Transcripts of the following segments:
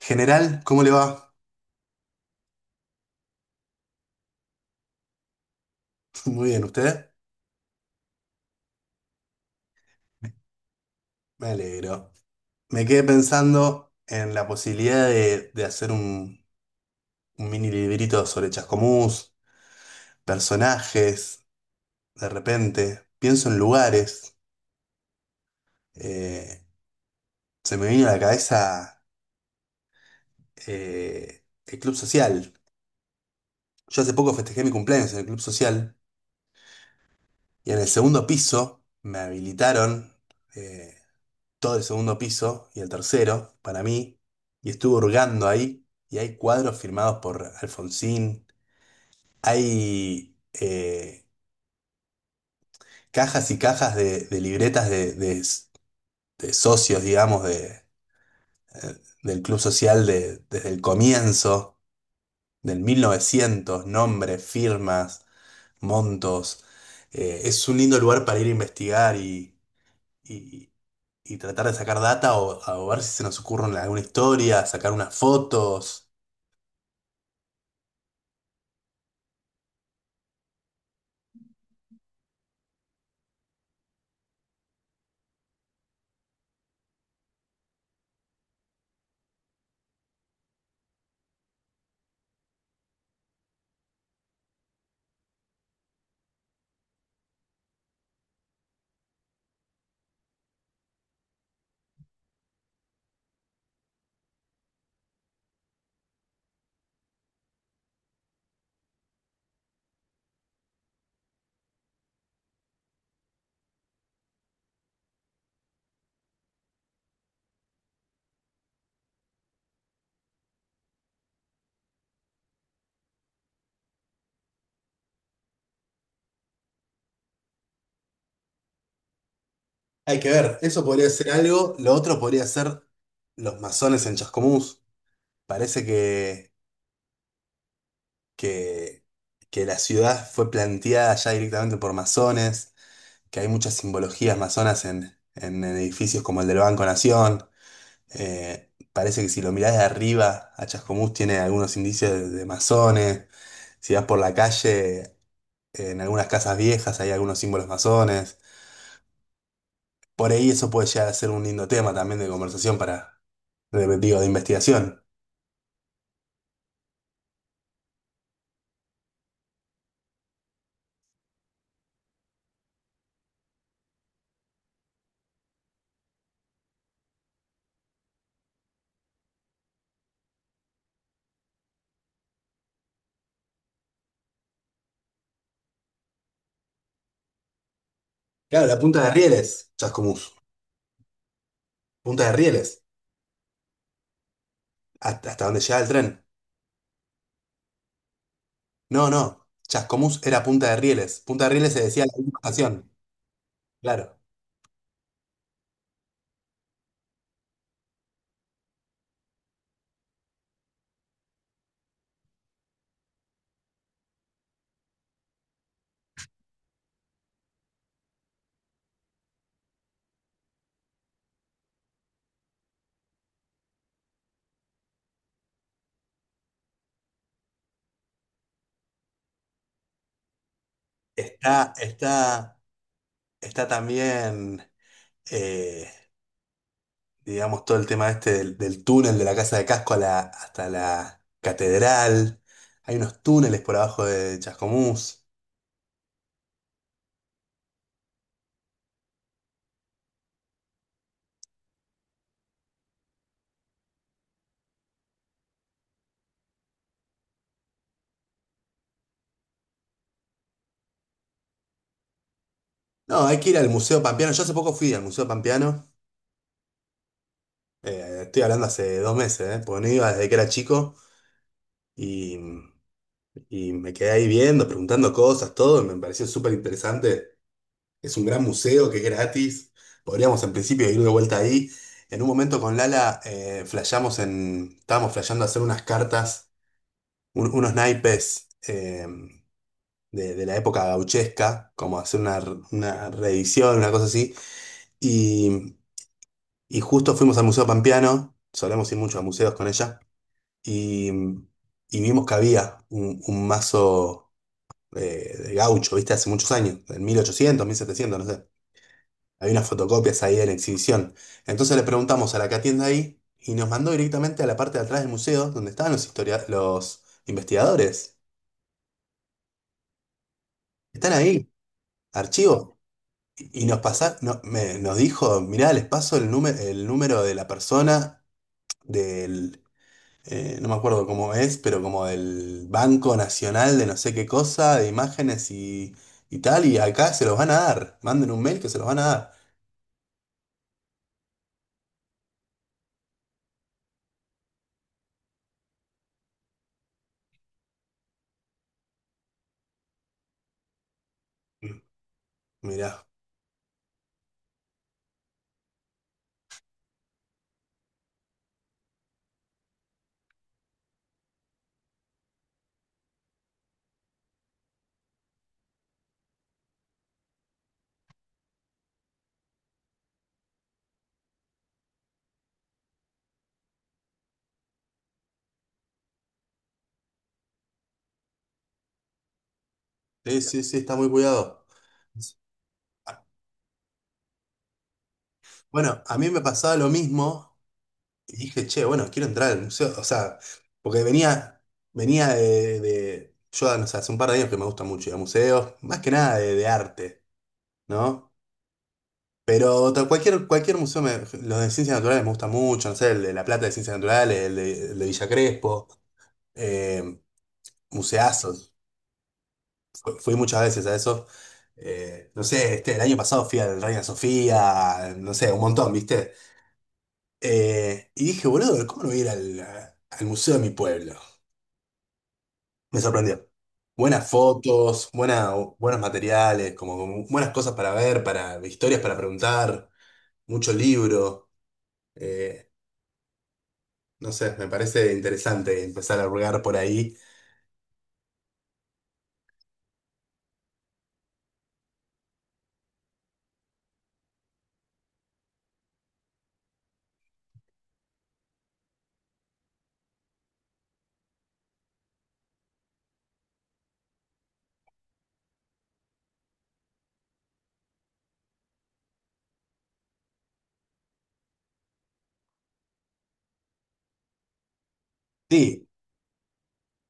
General, ¿cómo le va? Muy bien, ¿usted? Me alegro. Me quedé pensando en la posibilidad de hacer un mini librito sobre Chascomús, personajes, de repente. Pienso en lugares. eh, Se me vino a la cabeza el Club Social. Yo hace poco festejé mi cumpleaños en el Club Social y en el segundo piso me habilitaron. eh, Todo el segundo piso y el tercero para mí, y estuve hurgando ahí, y hay cuadros firmados por Alfonsín, hay cajas y cajas de libretas de de- socios, digamos, del club social desde el comienzo, del 1900 nombres, firmas, montos. Es un lindo lugar para ir a investigar y- y tratar de sacar data o ver si se nos ocurre alguna historia, sacar unas fotos. Hay que ver, eso podría ser algo, lo otro podría ser los masones en Chascomús. Parece que, que la ciudad fue planteada ya directamente por masones, que hay muchas simbologías masonas en edificios como el del Banco Nación. Parece que si lo mirás de arriba a Chascomús tiene algunos indicios de masones. Si vas por la calle, en algunas casas viejas hay algunos símbolos masones. Por ahí eso puede llegar a ser un lindo tema también de conversación para digo, de investigación. Claro, la punta de rieles, Chascomús. Punta de rieles. Hasta dónde llegaba el tren. No, no. Chascomús era punta de rieles. Punta de rieles se decía la última estación. Claro. Está, está, está también, eh, digamos, todo el tema este del túnel de la Casa de Casco hasta la catedral. Hay unos túneles por abajo de Chascomús. No, hay que ir al Museo Pampeano. Yo hace poco fui al Museo Pampeano. Estoy hablando hace 2 meses, ¿eh? Porque no iba desde que era chico. Y, y me quedé ahí viendo, preguntando cosas, todo, y me pareció súper interesante. Es un gran museo que es gratis. Podríamos en principio ir de vuelta ahí. En un momento con Lala flasheamos estábamos flasheando hacer unas cartas, unos naipes de la época gauchesca, como hacer una una reedición, una cosa así. Y, y justo fuimos al Museo Pampeano, solemos ir mucho a museos con ella, y vimos que había un mazo. De gaucho, ¿viste? Hace muchos años, en 1800, 1700, no sé. Hay unas fotocopias ahí en exhibición. Entonces le preguntamos a la que atiende ahí y nos mandó directamente a la parte de atrás del museo donde estaban los los investigadores. Están ahí, archivos. Y nos pasa, nos dijo, mirá, les paso el número de la persona del, no me acuerdo cómo es, pero como del Banco Nacional de no sé qué cosa, de imágenes y tal, y acá se los van a dar. Manden un mail que se los van a dar. Mirá, sí, sí, sí, está muy cuidado. Ah, bueno, a mí me pasaba lo mismo y dije, che, bueno, quiero entrar al museo, o sea, porque venía yo, no sé, hace un par de años que me gusta mucho ir a museos, más que nada de arte, ¿no? Pero cualquier museo, los de ciencias naturales me gustan mucho, no sé, el de La Plata de Ciencias Naturales, el de Villa Crespo, eh, museazos. Fui muchas veces a eso. No sé, este, el año pasado fui al Reina Sofía, no sé, un montón, ¿viste? Y dije, boludo, ¿cómo no voy a ir al museo de mi pueblo? Me sorprendió. Buenas fotos, buenos materiales, como buenas cosas para ver, para historias para preguntar, mucho libro. eh, no sé, me parece interesante empezar a hurgar por ahí. Sí,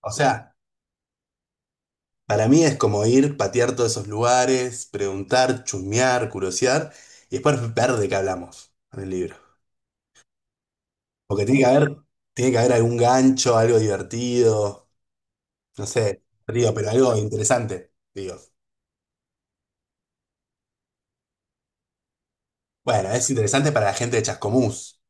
o sea. Para mí es como ir, patear todos esos lugares, preguntar, chusmear, curiosear y después ver de qué hablamos en el libro. Porque tiene que haber algún gancho, algo divertido, no sé, río, pero algo interesante, digo. Bueno, es interesante para la gente de Chascomús.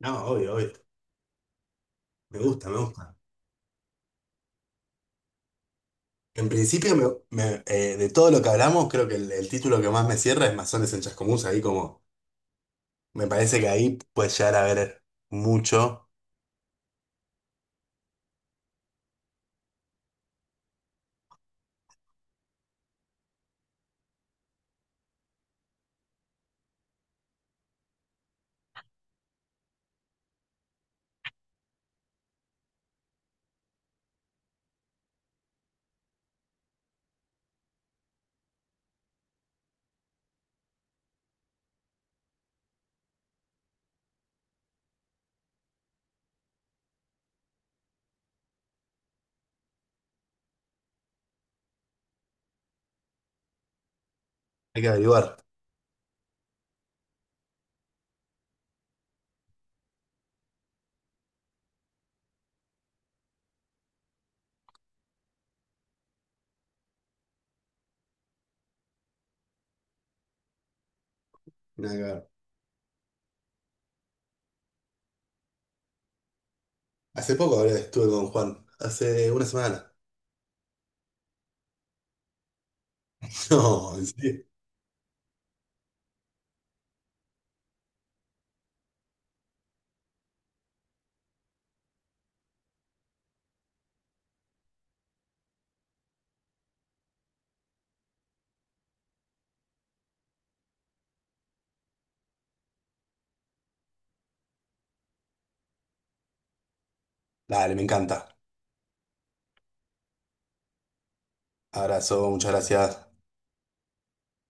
No, obvio, obvio. Me gusta, me gusta. En principio, de todo lo que hablamos, creo que el título que más me cierra es Masones en Chascomús. Ahí como, me parece que ahí puedes llegar a ver mucho. Hay que averiguar. Nada que ver. Hace poco estuve con Juan, hace una semana. No, en serio. Dale, me encanta. Abrazo, muchas gracias.